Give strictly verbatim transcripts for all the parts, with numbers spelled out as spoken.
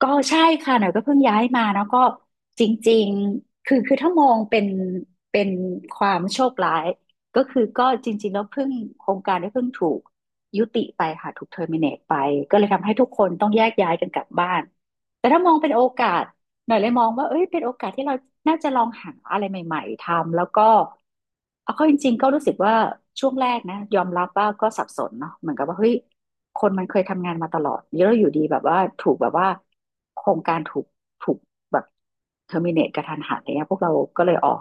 ก็ใช่ค่ะหน่อยก็เพิ่งย้ายมาแล้วก็จริงๆคือคือถ้ามองเป็นเป็นความโชคร้ายก็คือก็จริงๆแล้วเพิ่งโครงการได้เพิ่งถูกยุติไปค่ะถูกเทอร์มิเนตไปก็เลยทำให้ทุกคนต้องแยกย้ายกันกลับบ้านแต่ถ้ามองเป็นโอกาส หน่อยเลยมองว่าเอ้ยเป็นโอกาสที่เราน่าจะลองหาอะไรใหม่ๆทำแล้วก็เอาเข้าจริงๆก็รู้สึกว่าช่วงแรกนะยอมรับว่าก็สับสนเนาะเหมือนกับว่าเฮ้ยคนมันเคยทำงานมาตลอดแล้วอยู่ดีแบบว่าถูกแบบว่าโครงการถูกถูกแบบเทอร์มินเนตกระทันหันอะไรเงี้ยพวกเราก็เลยออก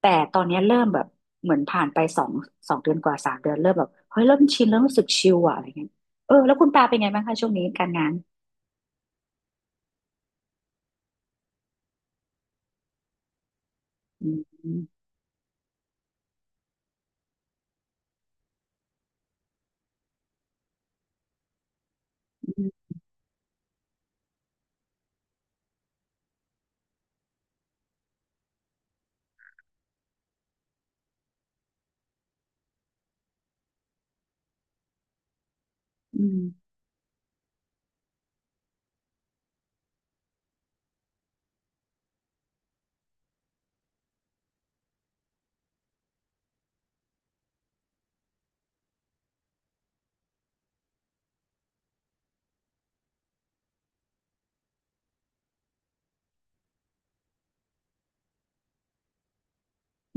แต่ตอนเนี้ยเริ่มแบบเหมือนผ่านไปสองสองเดือนกว่าสามเดือนเริ่มแบบเฮ้ยเริ่มชินเริ่มรู้สึกชิลอะอะไรเงี้ยเออแล้วคุณปาเป็นไงบ้างคะช่วงนี้การงานอืมอืมอืม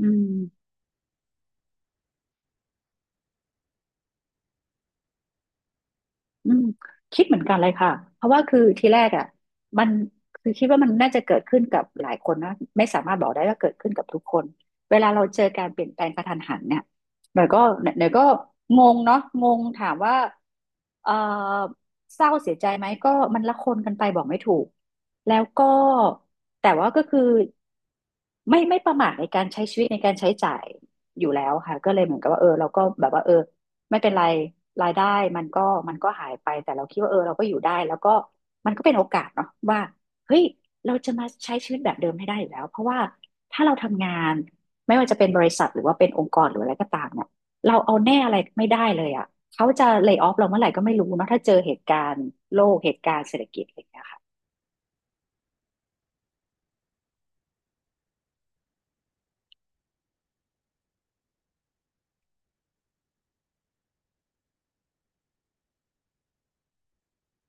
อืม อืมคิดเหมือนกันเลยค่ะเพราะว่าคือทีแรกอ่ะมันคือคิดว่ามันน่าจะเกิดขึ้นกับหลายคนนะไม่สามารถบอกได้ว่าเกิดขึ้นกับทุกคนเวลาเราเจอการเปลี่ยนแปลงกระทันหันเนี่ยหน่อยก็หน่อยก็งงเนาะงงถามว่าเออเศร้าเสียใจไหมก็มันละคนกันไปบอกไม่ถูกแล้วก็แต่ว่าก็คือไม่ไม่ประมาทในการใช้ชีวิตในการใช้จ่ายอยู่แล้วค่ะก็เลยเหมือนกับว่าเออเราก็แบบว่าเออ ไม่เป็นไรรายได้มันก็มันก็หายไปแต่เราคิดว่าเออเราก็อยู่ได้แล้วก็มันก็เป็นโอกาสเนาะว่าเฮ้ยเราจะมาใช้ชีวิตแบบเดิมให้ได้อยู่แล้วเพราะว่าถ้าเราทำงานไม่ว่าจะเป็นบริษัทหรือว่าเป็นองค์กรหรืออะไรก็ตามเนี่ยเราเอาแน่อะไรไม่ได้เลยอ่ะเขาจะเล y o ออฟเราเมื่อไหร่ก็ไม่รู้เนาะถ้าเจอเหตุการณ์โลกเหตุการณ์เศรษฐกิจอะไรอย่างเงี้ยค่ะ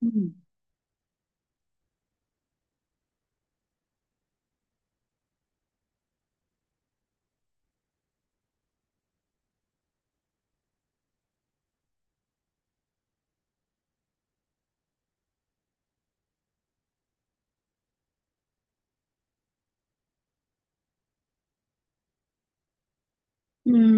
อืมอืม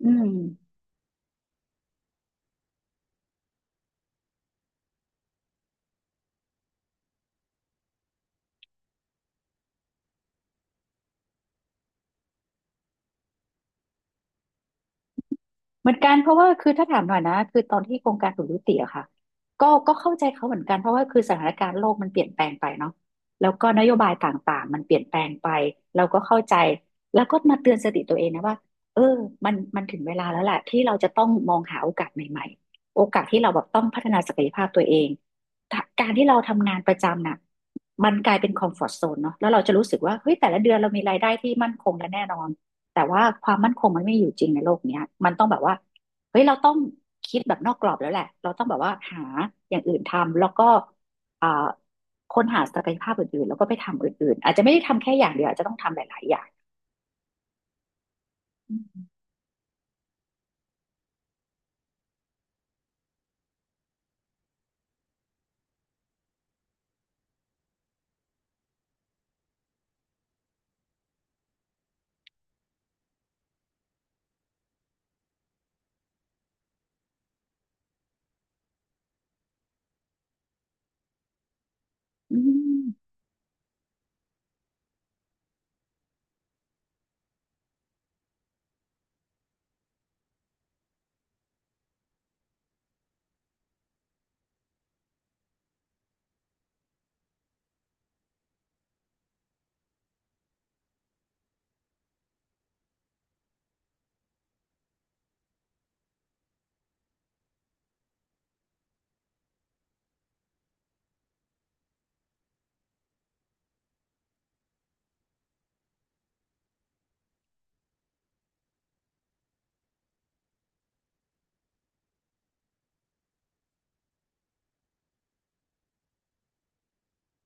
อืม เหมือนกันเพราะว่าคือถ้าถามหน่อยนะคือตอนที่โครงการถูกยุติอะค่ะก็ก็เข้าใจเขาเหมือนกันเพราะว่าคือสถานการณ์โลกมันเปลี่ยนแปลงไปเนาะแล้วก็นโยบายต่างๆมันเปลี่ยนแปลงไปเราก็เข้าใจแล้วก็มาเตือนสติตัวเองนะว่าเออมันมันถึงเวลาแล้วแหละที่เราจะต้องมองหาโอกาสใหม่ๆโอกาสที่เราแบบต้องพัฒนาศักยภาพตัวเองถ้าการที่เราทำงานประจำน่ะมันกลายเป็นคอมฟอร์ z โซนเนาะแล้วเราจะรู้สึกว่าเฮ้ยแต่ละเดือนเรามีรายได้ที่มั่นคงและแน่นอน แต่ว่าความมั่นคงมันไม่อยู่จริงในโลกเนี้ยมันต้องแบบว่าเฮ้ยเราต้องคิดแบบนอกกรอบแล้วแหละเราต้องแบบว่าหาอย่างอื่นทำแล้วก็อ่าค้นหาศักยภาพอื่นๆแล้วก็ไปทำอื่นๆอาจจะไม่ได้ทำแค่อย่างเดียวอาจจะต้องทำหลายๆอย่างอืม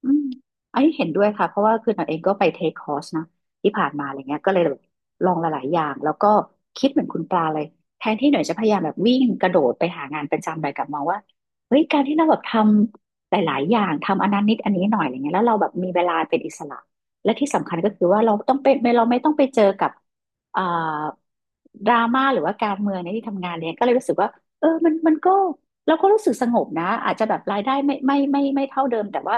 อืมอันนี้เห็นด้วยค่ะเพราะว่าคือหนันเองก็ไปเทคคอร์สนะที่ผ่านมาอะไรเงี้ยก็เลยแบบลองหลายๆอย่างแล้วก็คิดเหมือนคุณปลาเลยแทนที่หน่อยจะพยายามแบบวิ่งกระโดดไปหางานประจำอะไรกลับมองว่าเฮ้ยการที่เราแบบทำหลายๆอย่างทำอันนั้นนิดอันนี้หน่อยอะไรเงี้ยแล้วเราแบบมีเวลาเป็นอิสระและที่สำคัญก็คือว่าเราต้องเป็นเราไม่ต้องไปเจอกับอ่าดราม่าหรือว่าการเมืองในที่ทำงานเลยก็เลยรู้สึกว่าเออมันมันก็ เราก็รู้สึกสงบนะอาจจะแบบรายได้ไม่ไม่ไม่ไม่เท่าเดิมแต่ว่า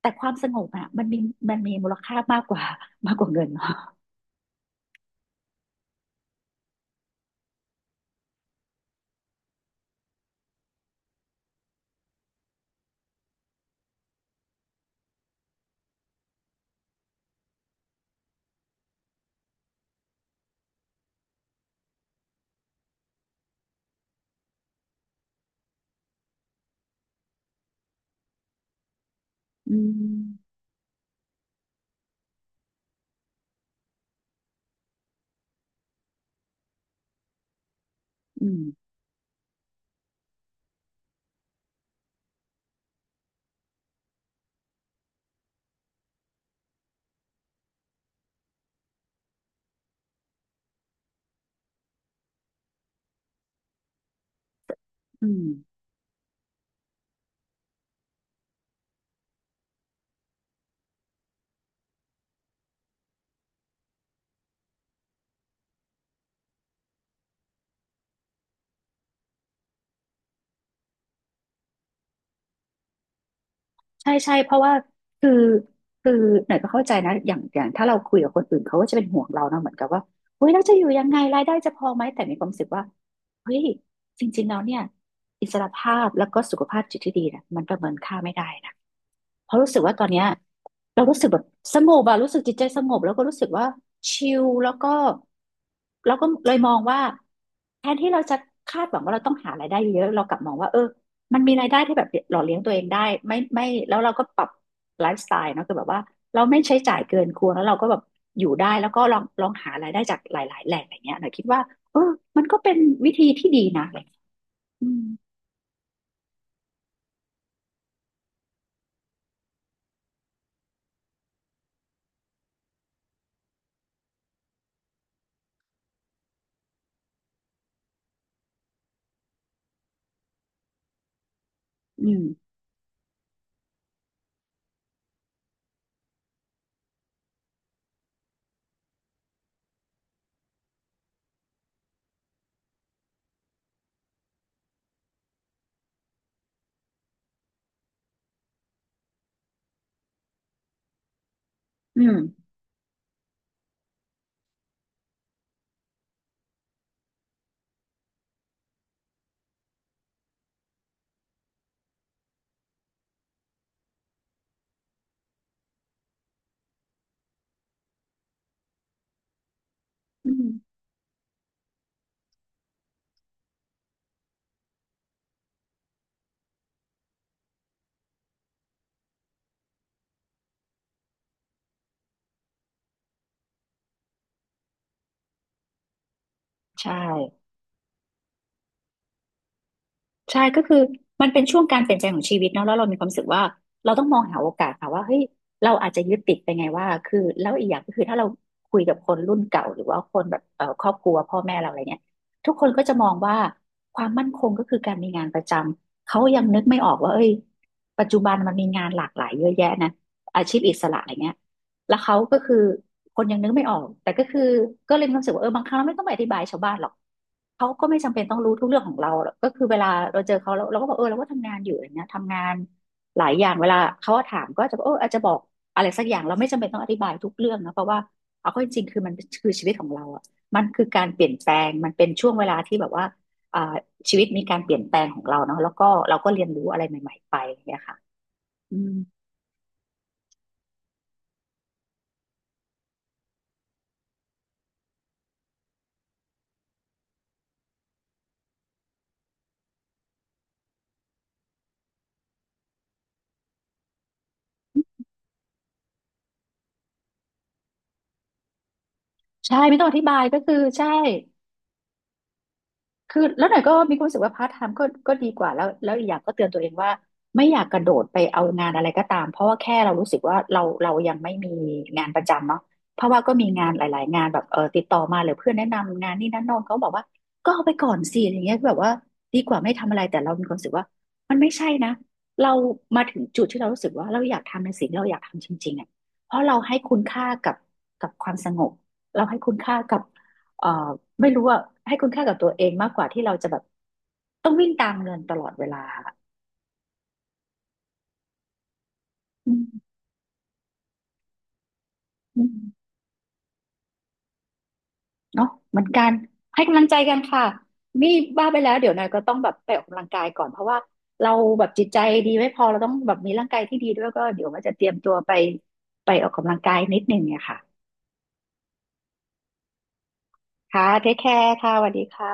แต่ความสงบอ่ะมันมีมันมีมูลค่ามากกว่ามากกว่าเงินอืมอืมอืมใช่ใช่เพราะว่าคือคือหน่อยก็เข้าใจนะอย่างอย่างถ้าเราคุยกับคนอื่นเขาก็จะเป็นห่วงเรานะเหมือนกับว่าเฮ้ยเราจะอยู่ยังไงรายได้จะพอไหมแต่มีความรู้สึกว่าเฮ้ยจริงๆแล้วเนี่ยอิสรภาพแล้วก็สุขภาพจิตที่ดีนะมันประเมินค่าไม่ได้นะ เพราะรู้สึกว่าตอนเนี้ยเรารู้สึกแบบสงบอะรู้สึกจิตใจสงบแล้วก็รู้สึกว่าชิลแล้วก็เราก็เลยมองว่าแทนที่เราจะคาดหวังว่าเราต้องหารายได้เยอะเรากลับมองว่าเออมันมีรายได้ที่แบบหล่อเลี้ยงตัวเองได้ไม่ไม่แล้วเราก็ปรับไลฟ์สไตล์เนาะคือแบบว่าเราไม่ใช้จ่ายเกินควรแล้วเราก็แบบอยู่ได้แล้วก็ลองลองหารายได้จากหลายๆแหล่งอย่างเงี้ยหน่อยคิดว่าเออมันก็เป็นวิธีที่ดีนะอะไรอย่างเงี้ยอืมอืมอืมอืมใช่ ใช่ก็คือมันเป็นช่วงการเปลี่ยนแปลงของชีวิตเนาะแล้วเรามีความรู้สึกว่าเราต้องมองหาโอกาสค่ะว่าเฮ้ยเราอาจจะยึดติดไปไงว่าคือแล้วอีกอย่างก็คือถ้าเราคุยกับคนรุ่นเก่าหรือว่าคนแบบเอ่อครอบครัวพ่อแม่เราอะไรเนี่ยทุกคนก็จะมองว่าความมั่นคงก็คือการมีงานประจำเขายังนึกไม่ออกว่าเอ้ยปัจจุบันมันมีงานหลากหลายเยอะแยะนะอาชีพอิสระอะไรเงี้ย แล้วเขาก็คือคนยังนึกไม่ออกแต่ก็คือก็เลยมีความรู้สึกว่าเออบางครั้งเราไม่ต้องไปอธิบายชาวบ้านหรอกเขาก็ไม่จำเป็นต้องรู้ทุกเรื่องของเราหรอกก็คือเวลาเราเจอเขาเราเราก็บอกเออเราก็ทำงานอยู่อะไรเงี้ยทำงานหลายอย่างเวลาเขาถามก็จะบอกเอออาจจะบอกอะไรสักอย่างเราไม่จำเป็นต้องอธิบายทุกเรื่องนะเพราะว่าเอาเข้าจริงๆคือมันคือชีวิตของเราอ่ะมันคือการเปลี่ยนแปลงมันเป็นช่วงเวลาที่แบบว่าอ่าชีวิตมีการเปลี่ยนแปลงของเราเนาะแล้วก็เราก็เรียนรู้อะไรใหม่ๆไปอย่างเงี้ยค่ะอืมใช่ไม่ต้องอธิบายก็คือใช่ คือแล้วหน่อยก็มีความรู้สึกว่าพาร์ทไทม์ก็ก็ดีกว่าแล้วแล้วอีกอย่างก็เตือนตัวเองว่าไม่อยากกระโดดไปเอางานอะไรก็ตามเพราะว่าแค่เรารู้สึกว่าเราเรายังไม่มีงานประจำเนาะเพราะว่าก็มีงานหลายๆงานแบบเออติดต่อมาหรือเพื่อนแนะนำงานนี่นั่นโน่นเขาบอกว่าก็เอาไปก่อนสิอย่างเงี้ยแบบว่าดีกว่าไม่ทำอะไรแต่เรามีความรู้สึกว่ามันไม่ใช่นะเรามาถึงจุดที่เรารู้สึกว่าเราอยากทำในสิ่งที่เราอยากทำจริงๆอ่ะเพราะเราให้คุณค่ากับกับความสงบเราให้คุณค่ากับ เอ่อไม่รู้ว่าให้คุณค่ากับตัวเองมากกว่าที่เราจะแบบต้องวิ่งตามเงินตลอดเวลาค่ะอืมอืมเนาะเหมือนกันให้กำลังใจกันค่ะนี่บ้าไปแล้วเดี๋ยวนายก็ต้องแบบไปออกกำลังกายก่อนเพราะว่าเราแบบจิตใจดีไม่พอเราต้องแบบมีร่างกายที่ดีด้วยก็เดี๋ยวว่าจะเตรียมตัวไปไปออกกำลังกายนิดนึงเนี่ยค่ะค่ะเทคแคร์ค่ะสวัสดีค่ะ